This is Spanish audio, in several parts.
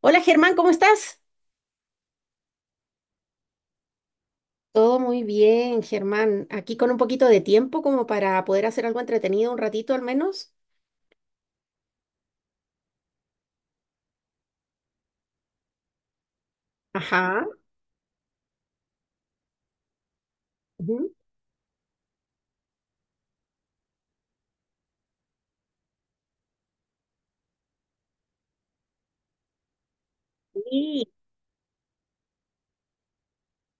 Hola Germán, ¿cómo estás? Todo muy bien, Germán. Aquí con un poquito de tiempo como para poder hacer algo entretenido un ratito al menos. Ajá. Ujú. Sí,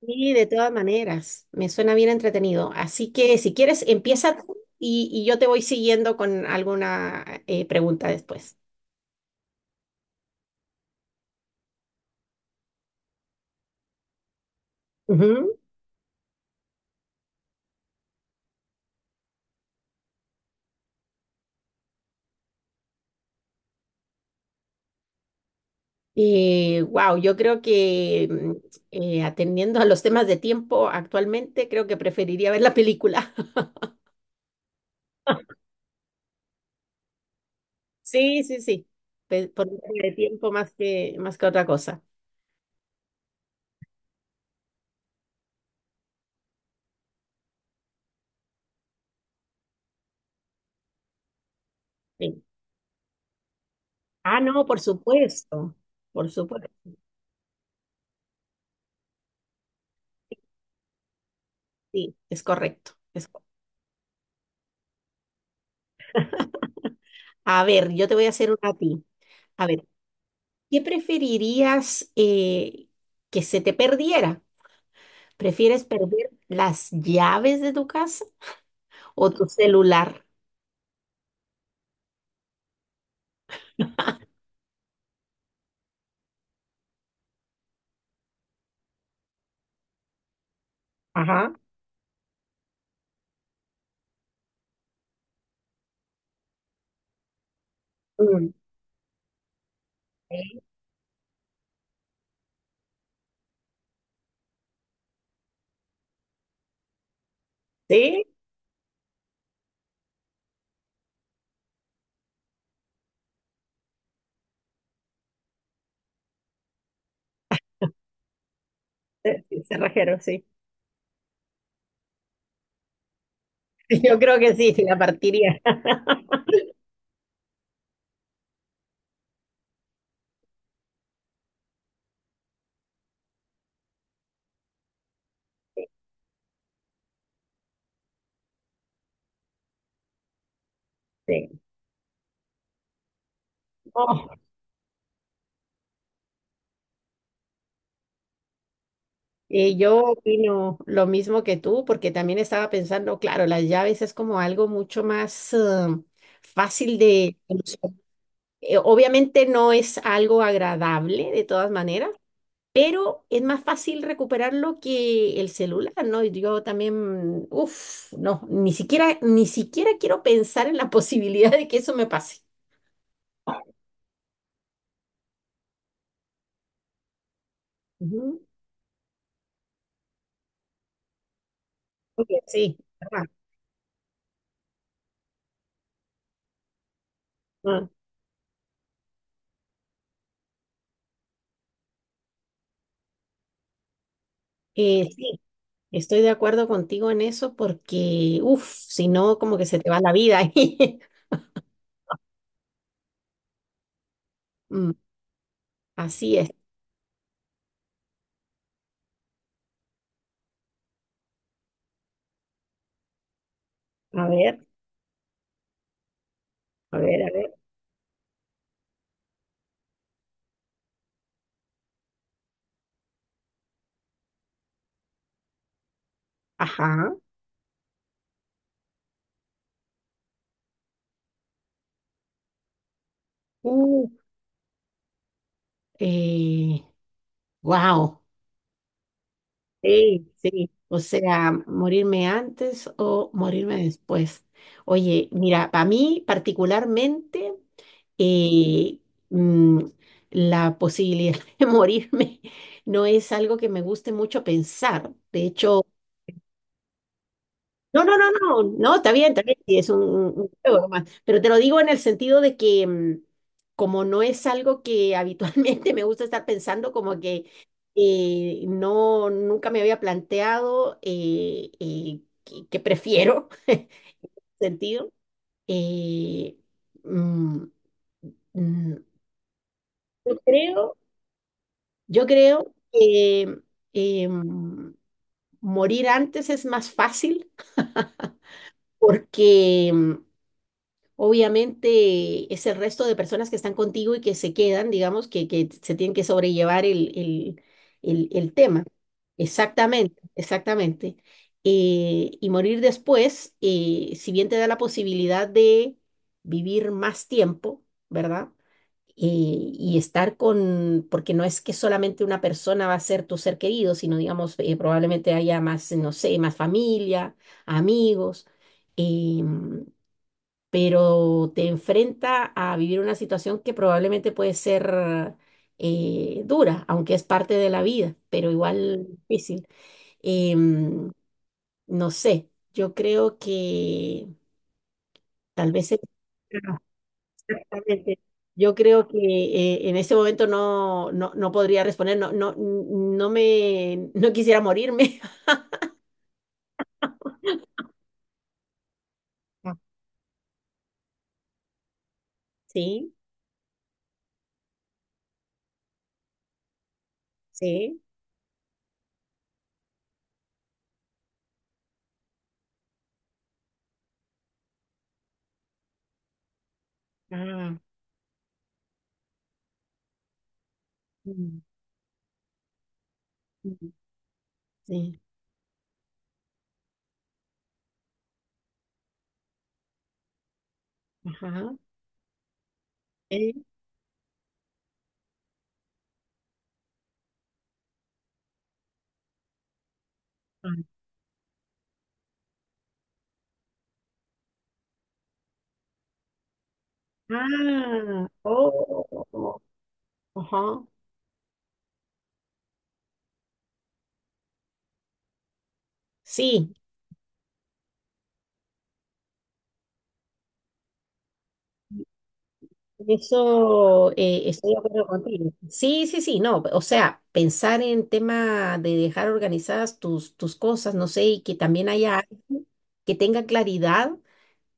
sí, de todas maneras. Me suena bien entretenido. Así que si quieres, empieza tú y yo te voy siguiendo con alguna pregunta después. Ujú. Wow, yo creo que atendiendo a los temas de tiempo actualmente, creo que preferiría ver la película. Sí, sí, sí. Por un tema de tiempo más que otra cosa. Sí. Ah, no, por supuesto. Por supuesto. Sí, es correcto. A ver, yo te voy a hacer una a ti. A ver, ¿qué preferirías que se te perdiera? ¿Prefieres perder las llaves de tu casa o tu celular? Ajá. Mm. Sí, sí, cerrajero, sí. Yo creo que sí, sí, la partiría. Sí. Yo opino lo mismo que tú, porque también estaba pensando, claro, las llaves es como algo mucho más fácil de solucionar. Obviamente no es algo agradable de todas maneras, pero es más fácil recuperarlo que el celular, ¿no? Y yo también, uff, no, ni siquiera quiero pensar en la posibilidad de que eso me pase. Ujú. Ok. Sí, ¿verdad? Ah, sí. Estoy de acuerdo contigo en eso porque, uff, si no, como que se te va la vida ahí. Mm. Así es. A ver, a ver, a ver. Ajá. Uh, eh, wow. Sí, sí. O sea, morirme antes o morirme después. Oye, mira, para mí particularmente, eh, mm, la posibilidad de morirme no es algo que me guste mucho pensar. De hecho, no, no, no, no, no, está bien, sí, es un juego nomás. Pero te lo digo en el sentido de que, como no es algo que habitualmente me gusta estar pensando, como que no, nunca me había planteado que prefiero sentido. eh, mm, mm, yo creo, yo creo que eh, mm, morir antes es más fácil porque obviamente es el resto de personas que están contigo y que se quedan, digamos, que se tienen que sobrellevar el tema. Exactamente, exactamente. Y morir después, si bien te da la posibilidad de vivir más tiempo, ¿verdad? Y estar con, porque no es que solamente una persona va a ser tu ser querido, sino, digamos, probablemente haya más, no sé, más familia, amigos. Em, pero te enfrenta a vivir una situación que probablemente puede ser dura, aunque es parte de la vida, pero igual difícil. Em, no sé, yo creo que tal vez Ah, exactamente. Yo creo que en ese momento no podría responder, no me, no quisiera morirme. Ah. Sí, sí. Ah, mm, mm, sí. Ajá. Eh, ah, oh, ajá. Sí, eso estoy de acuerdo contigo. Sí, sí, sí, no, o sea, pensar en tema de dejar organizadas tus cosas, no sé, y que también haya alguien que tenga claridad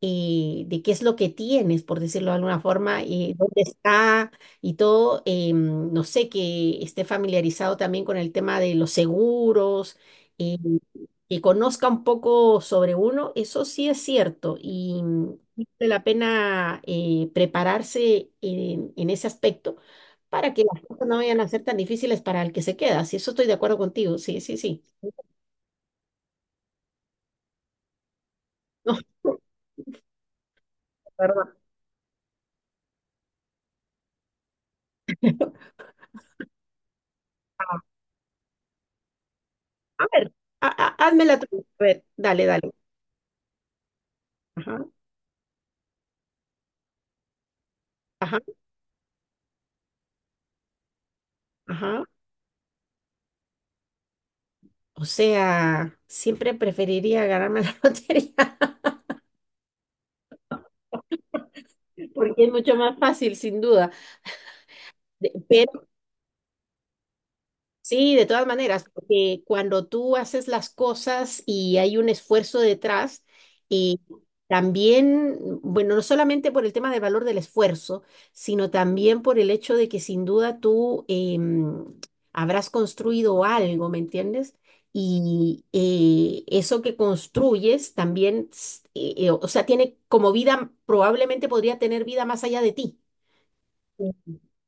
de qué es lo que tienes, por decirlo de alguna forma, y dónde está y todo. No sé, que esté familiarizado también con el tema de los seguros, eh, que conozca un poco sobre uno, eso sí es cierto y vale la pena prepararse en ese aspecto, para que las cosas no vayan a ser tan difíciles para el que se queda. Si eso estoy de acuerdo contigo, sí, sí, sí. No, perdón. A ver, házmela tú. A ver, dale, dale. Ajá, ajá, ajá. O sea, siempre preferiría ganarme la lotería porque es mucho más fácil, sin duda. Pero sí, de todas maneras, porque cuando tú haces las cosas y hay un esfuerzo detrás, y también, bueno, no solamente por el tema del valor del esfuerzo, sino también por el hecho de que sin duda tú habrás construido algo, ¿me entiendes? Y eso que construyes también, o sea, tiene como vida, probablemente podría tener vida más allá de ti.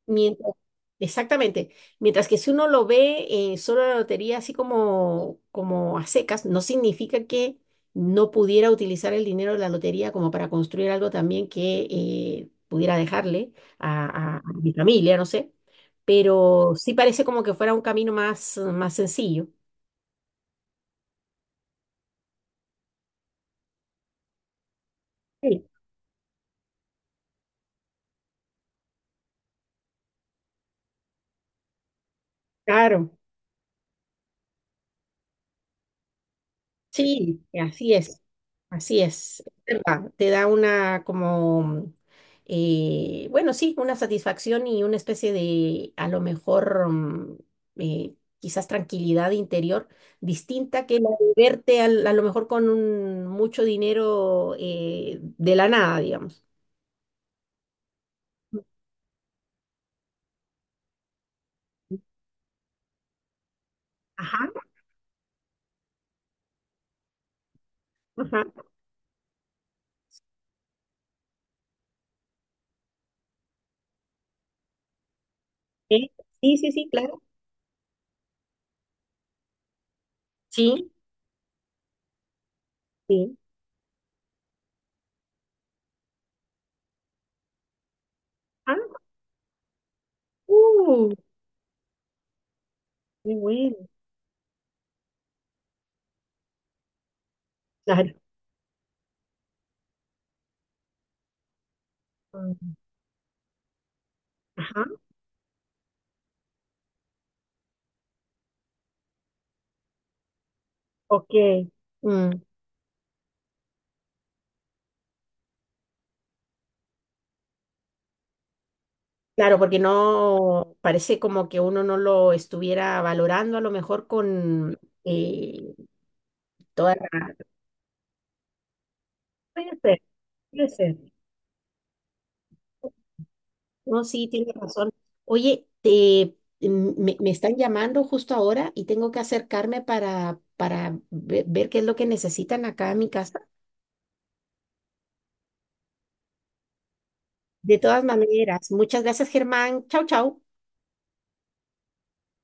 Mientras, exactamente. Mientras que si uno lo ve solo la lotería así como, como a secas, no significa que no pudiera utilizar el dinero de la lotería como para construir algo también que pudiera dejarle a mi familia, no sé. Pero sí parece como que fuera un camino más, más sencillo. Sí, claro. Sí, así es verdad, te da una como, bueno, sí, una satisfacción y una especie de, a lo mejor, quizás tranquilidad interior distinta que la de verte a lo mejor con mucho dinero de la nada, digamos. Ujú. Ajá, ajá. ¿Eh? Sí, sí, sí, claro. Sí, sí. Ah, uh, qué bueno. Claro. Mm. Ajá, ok. Mm. Claro, porque no parece como que uno no lo estuviera valorando a lo mejor con eh, toda la... Puede ser, puede ser. No, sí, tienes razón. Oye, te, me me están llamando justo ahora y tengo que acercarme para ver qué es lo que necesitan acá en mi casa. De todas maneras, muchas gracias, Germán. Chau, chau.